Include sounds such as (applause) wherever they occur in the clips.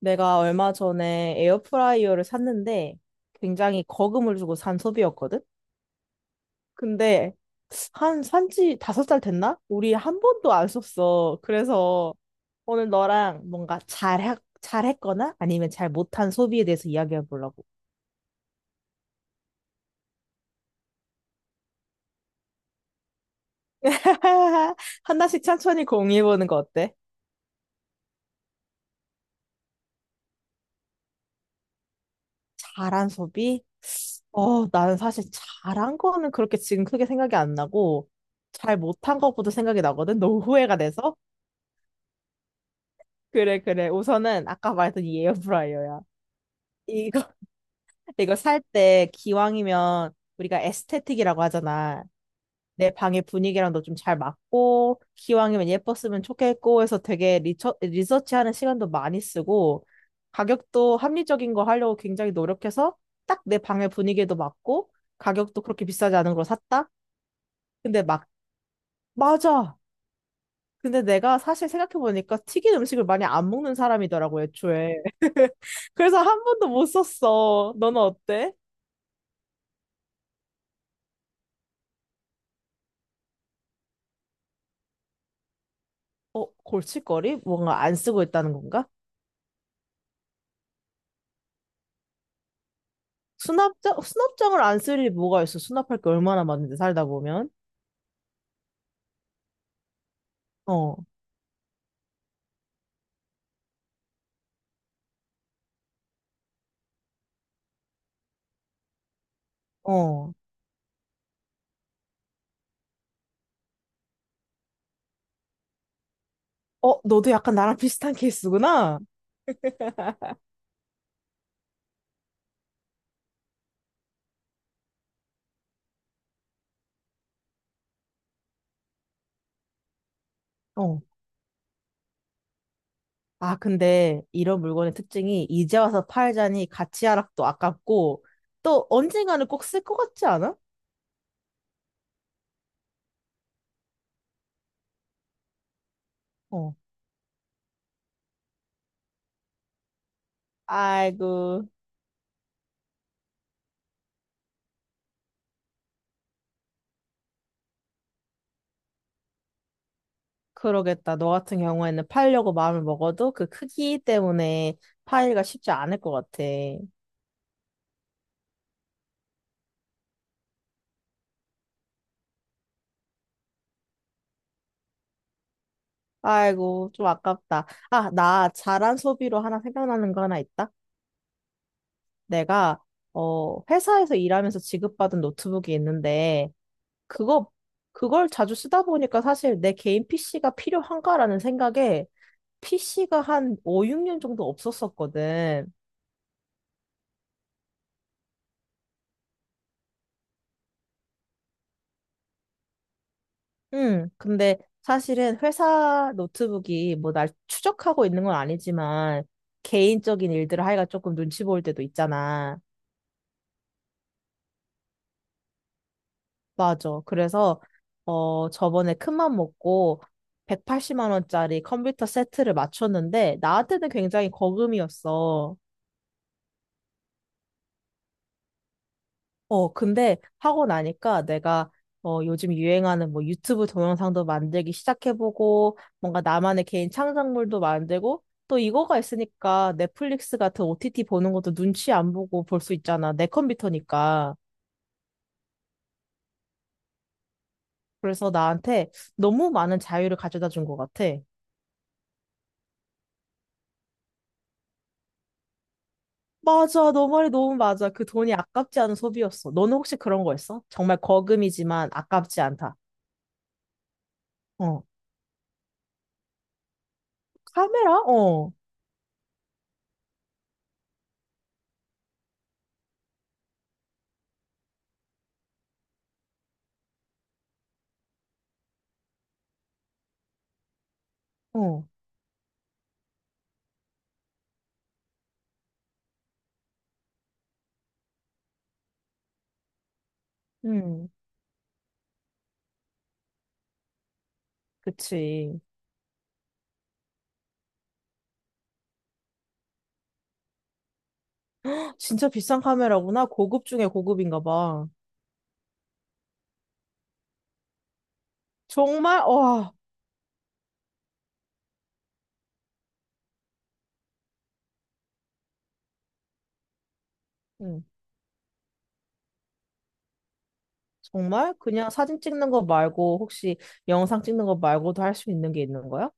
내가 얼마 전에 에어프라이어를 샀는데 굉장히 거금을 주고 산 소비였거든? 근데 한 산지 5살 됐나? 우리 한 번도 안 썼어. 그래서 오늘 너랑 뭔가 잘했거나 아니면 잘 못한 소비에 대해서 이야기해 보려고. (laughs) 하나씩 천천히 공유해 보는 거 어때? 잘한 소비? 나는 사실 잘한 거는 그렇게 지금 크게 생각이 안 나고 잘 못한 것보다 생각이 나거든? 너무 후회가 돼서. 그래, 그래. 우선은 아까 말했던 이 에어프라이어야. 이거, (laughs) 이거 살 때 기왕이면 우리가 에스테틱이라고 하잖아. 내 방의 분위기랑도 좀 잘 맞고, 기왕이면 예뻤으면 좋겠고 해서 되게 리서치하는 시간도 많이 쓰고, 가격도 합리적인 거 하려고 굉장히 노력해서 딱 내 방의 분위기에도 맞고, 가격도 그렇게 비싸지 않은 걸 샀다? 근데 막, 맞아! 근데 내가 사실 생각해보니까 튀긴 음식을 많이 안 먹는 사람이더라고, 애초에. (laughs) 그래서 한 번도 못 썼어. 너는 어때? 골칫거리? 뭔가 안 쓰고 있다는 건가? 수납장? 수납장을 안 쓸 일이 뭐가 있어? 수납할 게 얼마나 많은데, 살다 보면. 어, 어. 너도 약간 나랑 (laughs) 비슷한 케이스구나? 어. 아, 근데 이런 물건의 특징이 이제 와서 팔자니 가치 하락도 아깝고 또 언젠가는 꼭 쓸 것 같지 않아? 어. 아이고. 그러겠다. 너 같은 경우에는 팔려고 마음을 먹어도 그 크기 때문에 파기가 쉽지 않을 것 같아. 아이고, 좀 아깝다. 아, 나 잘한 소비로 하나 생각나는 거 하나 있다. 내가, 회사에서 일하면서 지급받은 노트북이 있는데, 그거, 그걸 자주 쓰다 보니까 사실 내 개인 PC가 필요한가라는 생각에 PC가 한 5, 6년 정도 없었었거든. 응, 근데 사실은 회사 노트북이 뭐 날 추적하고 있는 건 아니지만 개인적인 일들을 하기가 조금 눈치 보일 때도 있잖아. 맞아. 그래서 저번에 큰맘 먹고 180만 원짜리 컴퓨터 세트를 맞췄는데 나한테는 굉장히 거금이었어. 근데 하고 나니까 내가 요즘 유행하는 뭐 유튜브 동영상도 만들기 시작해보고 뭔가 나만의 개인 창작물도 만들고 또 이거가 있으니까 넷플릭스 같은 OTT 보는 것도 눈치 안 보고 볼 수 있잖아. 내 컴퓨터니까. 그래서 나한테 너무 많은 자유를 가져다 준 것 같아. 맞아. 너 말이 너무 맞아. 그 돈이 아깝지 않은 소비였어. 너는 혹시 그런 거 있어? 정말 거금이지만 아깝지 않다. 어. 카메라? 어. 어. 음. 그치. 진짜 비싼 카메라구나. 고급 중에 고급인가 봐. 정말, 와, 응. 정말? 그냥 사진 찍는 거 말고, 혹시 영상 찍는 거 말고도 할 수 있는 게 있는 거야?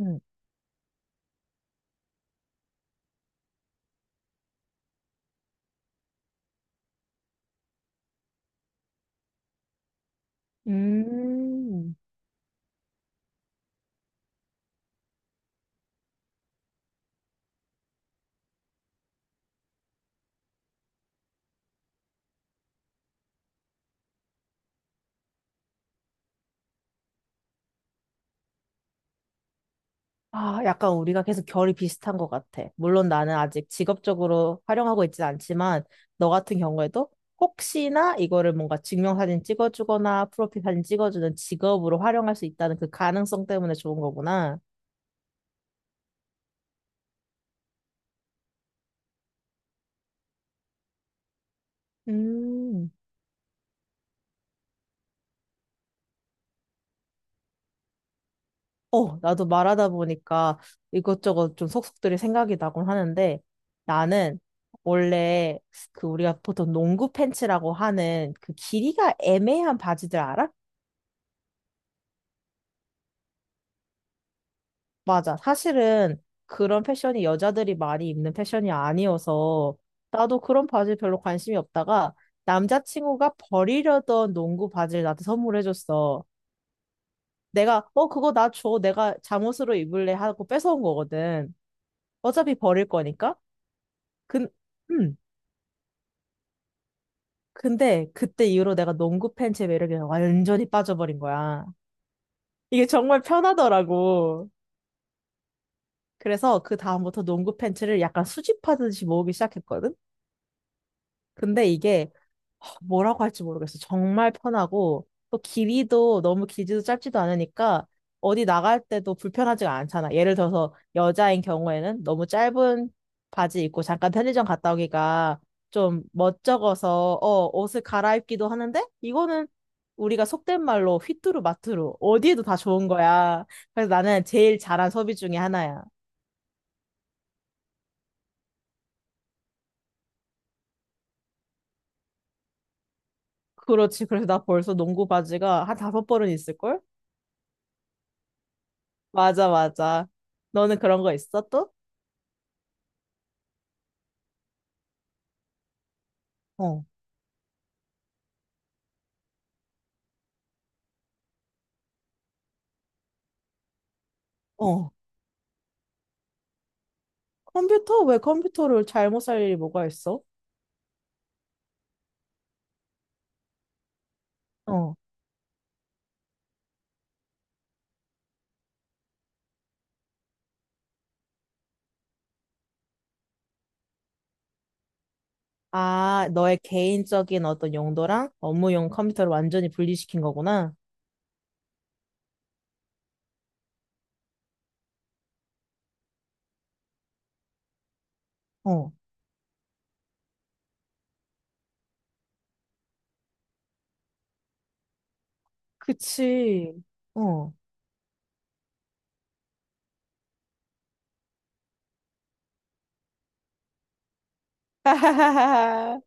응. 음, 아, 약간 우리가 계속 결이 비슷한 것 같아. 물론 나는 아직 직업적으로 활용하고 있진 않지만, 너 같은 경우에도 혹시나 이거를 뭔가 증명사진 찍어주거나 프로필 사진 찍어주는 직업으로 활용할 수 있다는 그 가능성 때문에 좋은 거구나. 음. 나도 말하다 보니까 이것저것 좀 속속들이 생각이 나곤 하는데 나는 원래 그 우리가 보통 농구 팬츠라고 하는 그 길이가 애매한 바지들 알아? 맞아. 사실은 그런 패션이 여자들이 많이 입는 패션이 아니어서 나도 그런 바지 별로 관심이 없다가 남자친구가 버리려던 농구 바지를 나한테 선물해줬어. 내가 그거 나 줘. 내가 잠옷으로 입을래 하고 뺏어온 거거든. 어차피 버릴 거니까. 근, 음. 근데 그때 이후로 내가 농구 팬츠의 매력에 완전히 빠져버린 거야. 이게 정말 편하더라고. 그래서 그 다음부터 농구 팬츠를 약간 수집하듯이 모으기 시작했거든? 근데 이게 하, 뭐라고 할지 모르겠어. 정말 편하고 또 길이도 너무 길지도 짧지도 않으니까 어디 나갈 때도 불편하지가 않잖아. 예를 들어서 여자인 경우에는 너무 짧은 바지 입고 잠깐 편의점 갔다 오기가 좀 멋쩍어서 옷을 갈아입기도 하는데 이거는 우리가 속된 말로 휘뚜루 마뚜루 어디에도 다 좋은 거야. 그래서 나는 제일 잘한 소비 중에 하나야. 그렇지. 그래서 나 벌써 농구 바지가 한 다섯 벌은 있을걸? 맞아, 맞아. 너는 그런 거 있어, 또? 어, 어. 컴퓨터? 왜 컴퓨터를 잘못 살 일이 뭐가 있어? 어, 아, 너의 개인적인 어떤 용도랑 업무용 컴퓨터를 완전히 분리시킨 거구나. 어, 그치. 어. (laughs)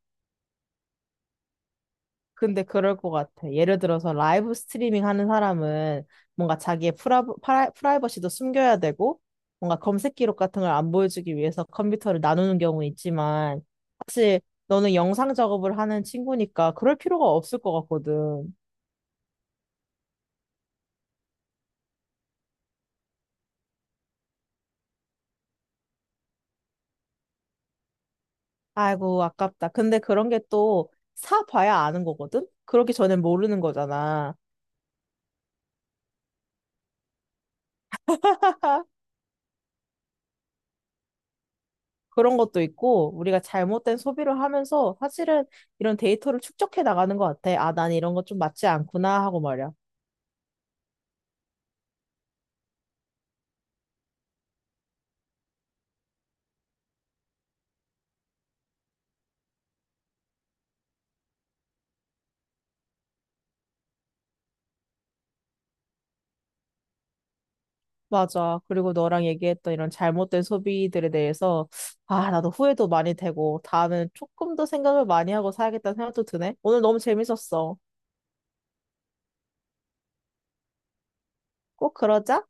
근데 그럴 것 같아. 예를 들어서 라이브 스트리밍 하는 사람은 뭔가 자기의 프라이버시도 숨겨야 되고, 뭔가 검색 기록 같은 걸 안 보여주기 위해서 컴퓨터를 나누는 경우는 있지만, 사실 너는 영상 작업을 하는 친구니까 그럴 필요가 없을 것 같거든. 아이고, 아깝다. 근데 그런 게 또 사봐야 아는 거거든? 그러기 전엔 모르는 거잖아. 그런 것도 있고, 우리가 잘못된 소비를 하면서 사실은 이런 데이터를 축적해 나가는 것 같아. 아, 난 이런 거 좀 맞지 않구나 하고 말이야. 맞아. 그리고 너랑 얘기했던 이런 잘못된 소비들에 대해서, 아, 나도 후회도 많이 되고, 다음에는 조금 더 생각을 많이 하고 사야겠다는 생각도 드네. 오늘 너무 재밌었어. 꼭 그러자.